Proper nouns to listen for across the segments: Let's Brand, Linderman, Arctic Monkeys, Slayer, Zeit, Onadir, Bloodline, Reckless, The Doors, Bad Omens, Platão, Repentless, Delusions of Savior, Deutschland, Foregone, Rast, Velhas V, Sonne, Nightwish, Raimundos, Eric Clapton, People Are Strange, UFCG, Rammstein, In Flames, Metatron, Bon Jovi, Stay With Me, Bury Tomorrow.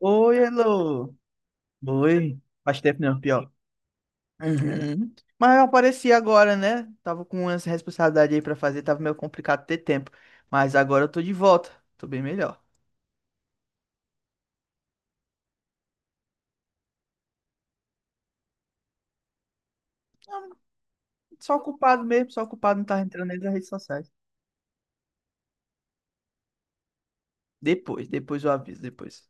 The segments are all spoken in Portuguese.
Oi, Elô. Oi. Faz tempo não, pior. Uhum. Mas eu apareci agora, né? Tava com umas responsabilidades aí pra fazer, tava meio complicado ter tempo. Mas agora eu tô de volta. Tô bem melhor. Não, só ocupado mesmo, só ocupado não tá entrando nem nas redes sociais. Depois eu aviso, depois.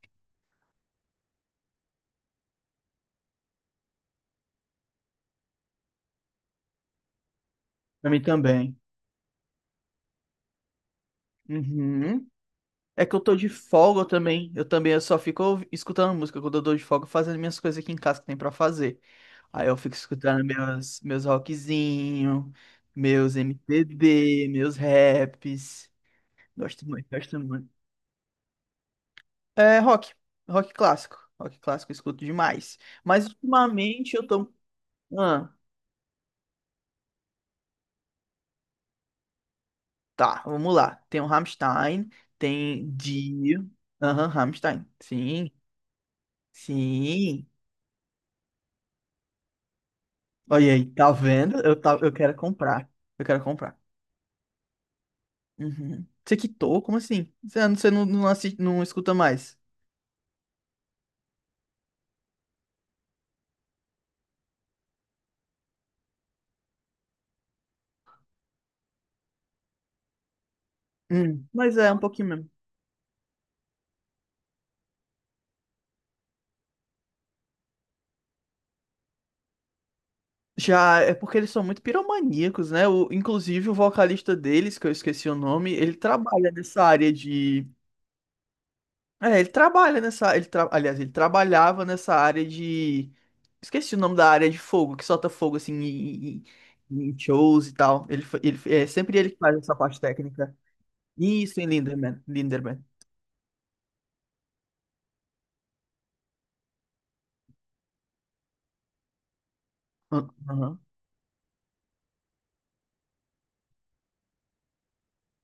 Pra mim também. Uhum. É que eu tô de folga também. Eu também eu só fico escutando música quando eu tô de folga, fazendo minhas coisas aqui em casa que tem pra fazer. Aí eu fico escutando meus rockzinho, meus MPB, meus raps. Gosto muito, gosto muito. É rock, rock clássico. Rock clássico eu escuto demais. Mas ultimamente eu tô. Ah, tá, vamos lá. Tem o Rammstein, tem Dio. Aham, Rammstein. Sim, sim. Olha aí, tá vendo? Eu, tá, eu quero comprar. Eu quero comprar. Uhum. Você quitou? Como assim? Você, assiste, não escuta mais? Hum. Mas é um pouquinho mesmo. Já é porque eles são muito piromaníacos, né? O, inclusive o vocalista deles, que eu esqueci o nome, ele trabalha nessa área de. É, ele trabalha nessa. Aliás, ele trabalhava nessa área de. Esqueci o nome da área de fogo, que solta fogo assim em, em shows e tal. É sempre ele que faz essa parte técnica. Isso, em Linderman. Linderman. Ah, aham.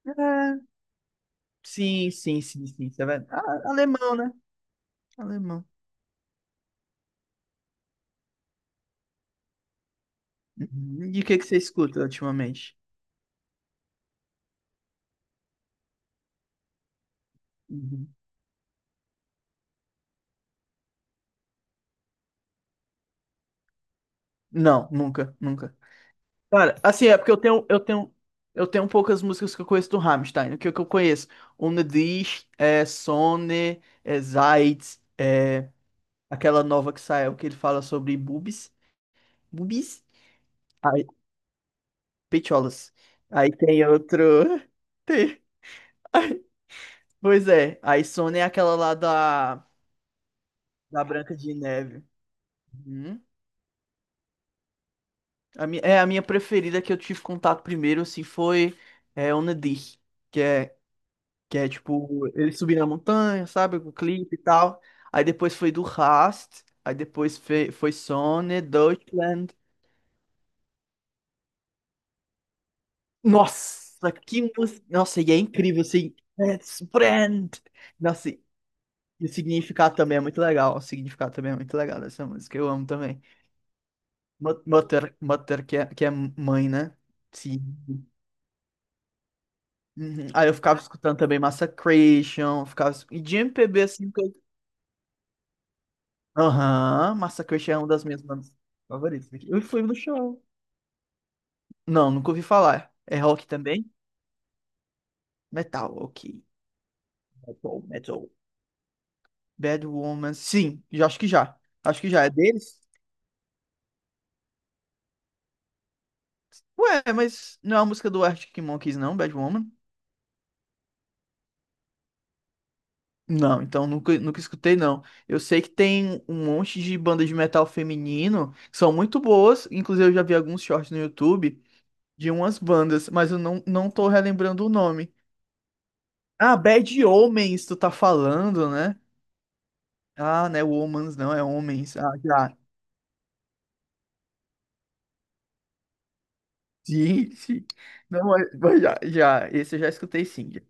É, sim, sim, sim, sim. Tá vendo? Ah, alemão, né? Alemão. Uhum. E o que que você escuta ultimamente? Uhum. Não, nunca, nunca. Cara, assim, é porque eu tenho poucas músicas que eu conheço do Rammstein. O que, que eu conheço? Ohne dich, é, Sonne, é, Zeit, é, aquela nova que saiu que ele fala sobre boobies. Boobies? Aí, pecholas. Aí tem outro. Pois é, a Sônia é aquela lá da Branca de Neve. Uhum. É a minha preferida que eu tive contato primeiro, assim, foi é, Onadir, que é, que é tipo, ele subir na montanha, sabe, com o clipe e tal. Aí depois foi do Rast, aí depois foi, foi Sônia, Deutschland. Nossa, que música! Nossa, e é incrível, assim, Let's Brand! Nossa, e o significado também é muito legal, o significado também é muito legal dessa música, eu amo também. Mother motor que é mãe, né? Sim. Uhum. Aí eu ficava escutando também Massacration, e de MPB, assim, que eu... Aham, Massacration é uma das minhas bandas favoritas. Eu fui no show. Não, nunca ouvi falar. É rock também? Metal, ok. Metal, metal. Bad Woman, sim, já acho que já. Acho que já é deles. Ué, mas não é a música do Arctic Monkeys, não, Bad Woman? Não, então nunca, nunca escutei, não. Eu sei que tem um monte de bandas de metal feminino que são muito boas. Inclusive, eu já vi alguns shorts no YouTube de umas bandas, mas eu não, não tô relembrando o nome. Ah, Bad Omens, tu tá falando, né? Ah, não é Womans, não, é Homens. Ah, já. Sim, sim. Não, mas mas já, já. Esse eu já escutei sim. Já.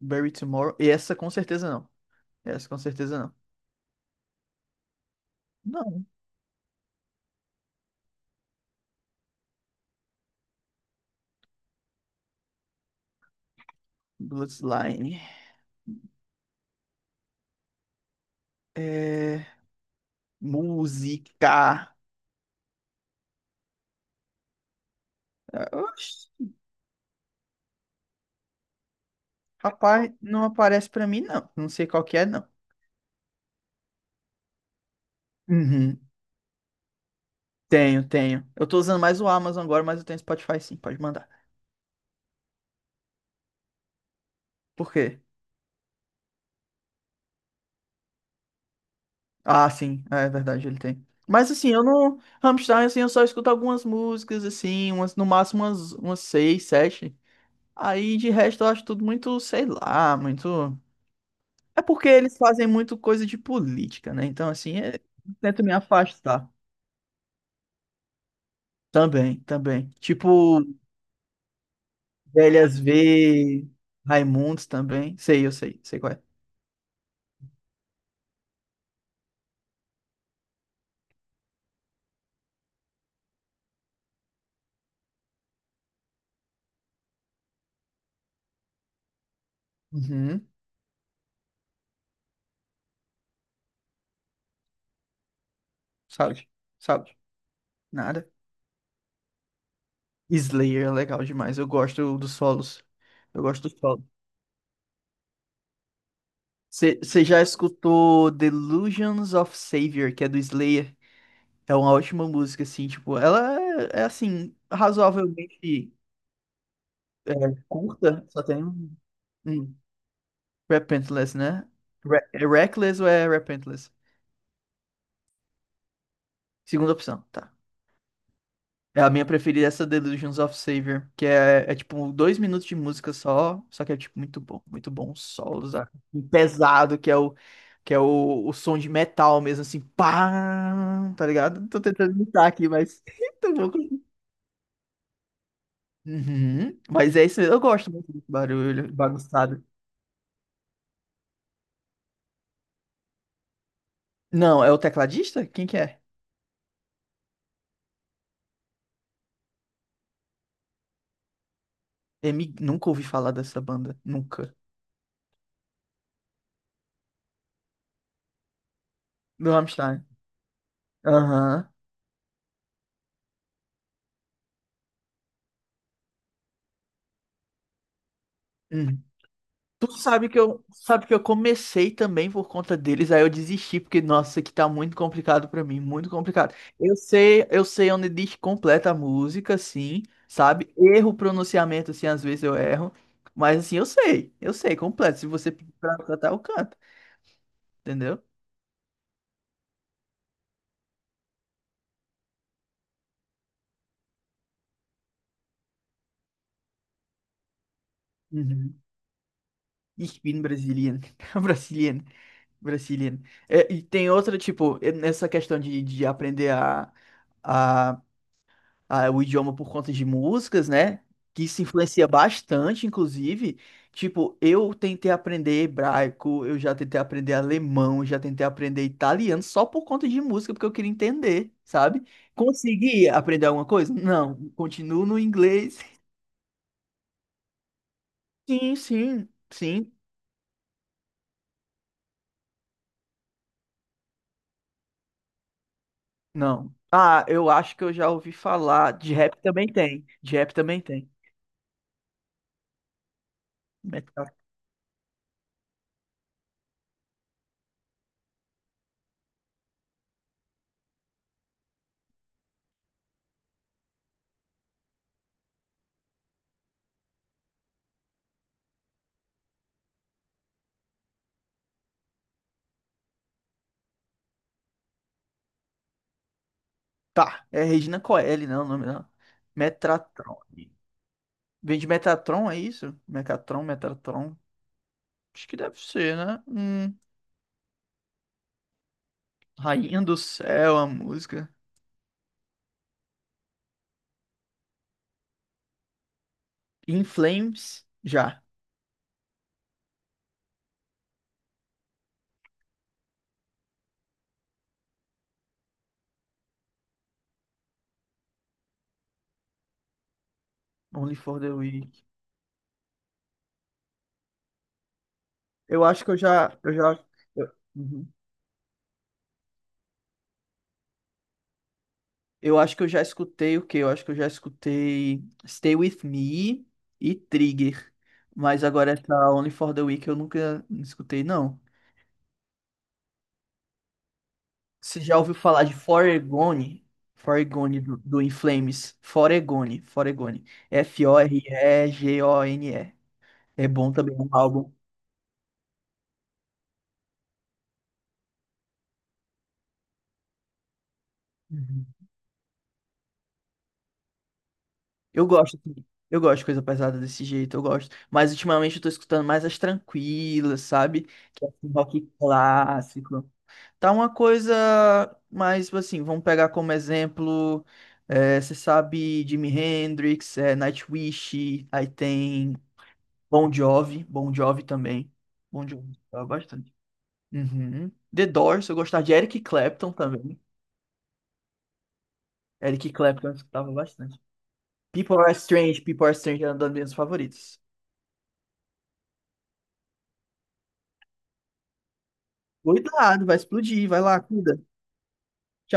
Bury Tomorrow. E essa com certeza não. Essa com certeza não. Não. Bloodline. É... música. Rapaz, não aparece pra mim, não. Não sei qual que é, não. Uhum. Tenho, tenho. Eu tô usando mais o Amazon agora, mas eu tenho Spotify sim, pode mandar. Por quê? Ah, sim, é verdade, ele tem. Mas assim, eu não. Rammstein, assim, eu só escuto algumas músicas, assim, umas, no máximo umas seis, sete. Aí de resto eu acho tudo muito, sei lá, muito. É porque eles fazem muito coisa de política, né? Então, assim, é... eu tento me afastar. Também, também. Tipo, Velhas V, Raimundos também. Sei, eu sei, sei qual é. Uhum. Sabe, sabe. Nada. Slayer é legal demais. Eu gosto dos solos. Eu gosto dos solos. Você já escutou Delusions of Savior, que é do Slayer? É uma ótima música, assim, tipo, ela é, é, assim, razoavelmente é, curta, só tem um. Um Repentless, né? É Reckless ou é Repentless? Segunda opção, tá. É a minha preferida, é essa Delusions of Savior, que é, é tipo dois minutos de música só, só que é tipo muito bom, os solos, ah, pesado, que é o som de metal mesmo, assim, pá, tá ligado? Tô tentando imitar aqui, mas tô bom. Uhum, mas é isso mesmo, eu gosto muito desse barulho bagunçado. Não, é o tecladista? Quem que é? M nunca ouvi falar dessa banda, nunca. Do Rammstein. Aham. Uhum. Tu sabe que eu comecei também por conta deles, aí eu desisti, porque, nossa, isso aqui tá muito complicado pra mim, muito complicado. Eu sei onde diz completa a música, sim, sabe? Erro o pronunciamento, assim, às vezes eu erro, mas assim, eu sei, completo. Se você pedir pra eu cantar, eu canto, entendeu? Uhum. Ich bin Brasilian, Brasilian, Brasilian. É, e tem outra, tipo, é nessa questão de aprender a ah, o idioma por conta de músicas, né? Que se influencia bastante, inclusive. Tipo, eu tentei aprender hebraico, eu já tentei aprender alemão, já tentei aprender italiano só por conta de música, porque eu queria entender, sabe? Consegui aprender alguma coisa? Não, continuo no inglês. Sim, sim, sim. Não. Ah, eu acho que eu já ouvi falar. De rap também tem. De rap também tem. Metra- Tá, é Regina Coeli, não, o nome não. Metratrone. Vem de Metatron, é isso? Mecatron, Metatron. Acho que deve ser, né? Rainha do Céu, a música. In Flames, já. Only for the Weak. Eu acho que eu já, eu já, eu, Uhum. Eu acho que eu já escutei o quê? Eu acho que eu já escutei Stay With Me e Trigger. Mas agora essa Only for the Weak eu nunca escutei, não. Você já ouviu falar de Foregone? Foregone do In Flames. Foregone, Foregone. Foregone. É bom também é um álbum. Uhum. Eu gosto, assim, eu gosto de coisa pesada desse jeito, eu gosto. Mas ultimamente eu tô escutando mais as tranquilas, sabe? Que é assim, rock clássico. Tá uma coisa mais, tipo assim, vamos pegar como exemplo, eh, você sabe Jimi Hendrix, eh, Nightwish, aí tem Bon Jovi, Bon Jovi também. Bon Jovi, eu gostava bastante. Uhum. The Doors, eu gostava de Eric Clapton também. Eric Clapton eu escutava bastante. People Are Strange, People Are Strange era uma das minhas favoritas. Cuidado, vai explodir, vai lá, cuida.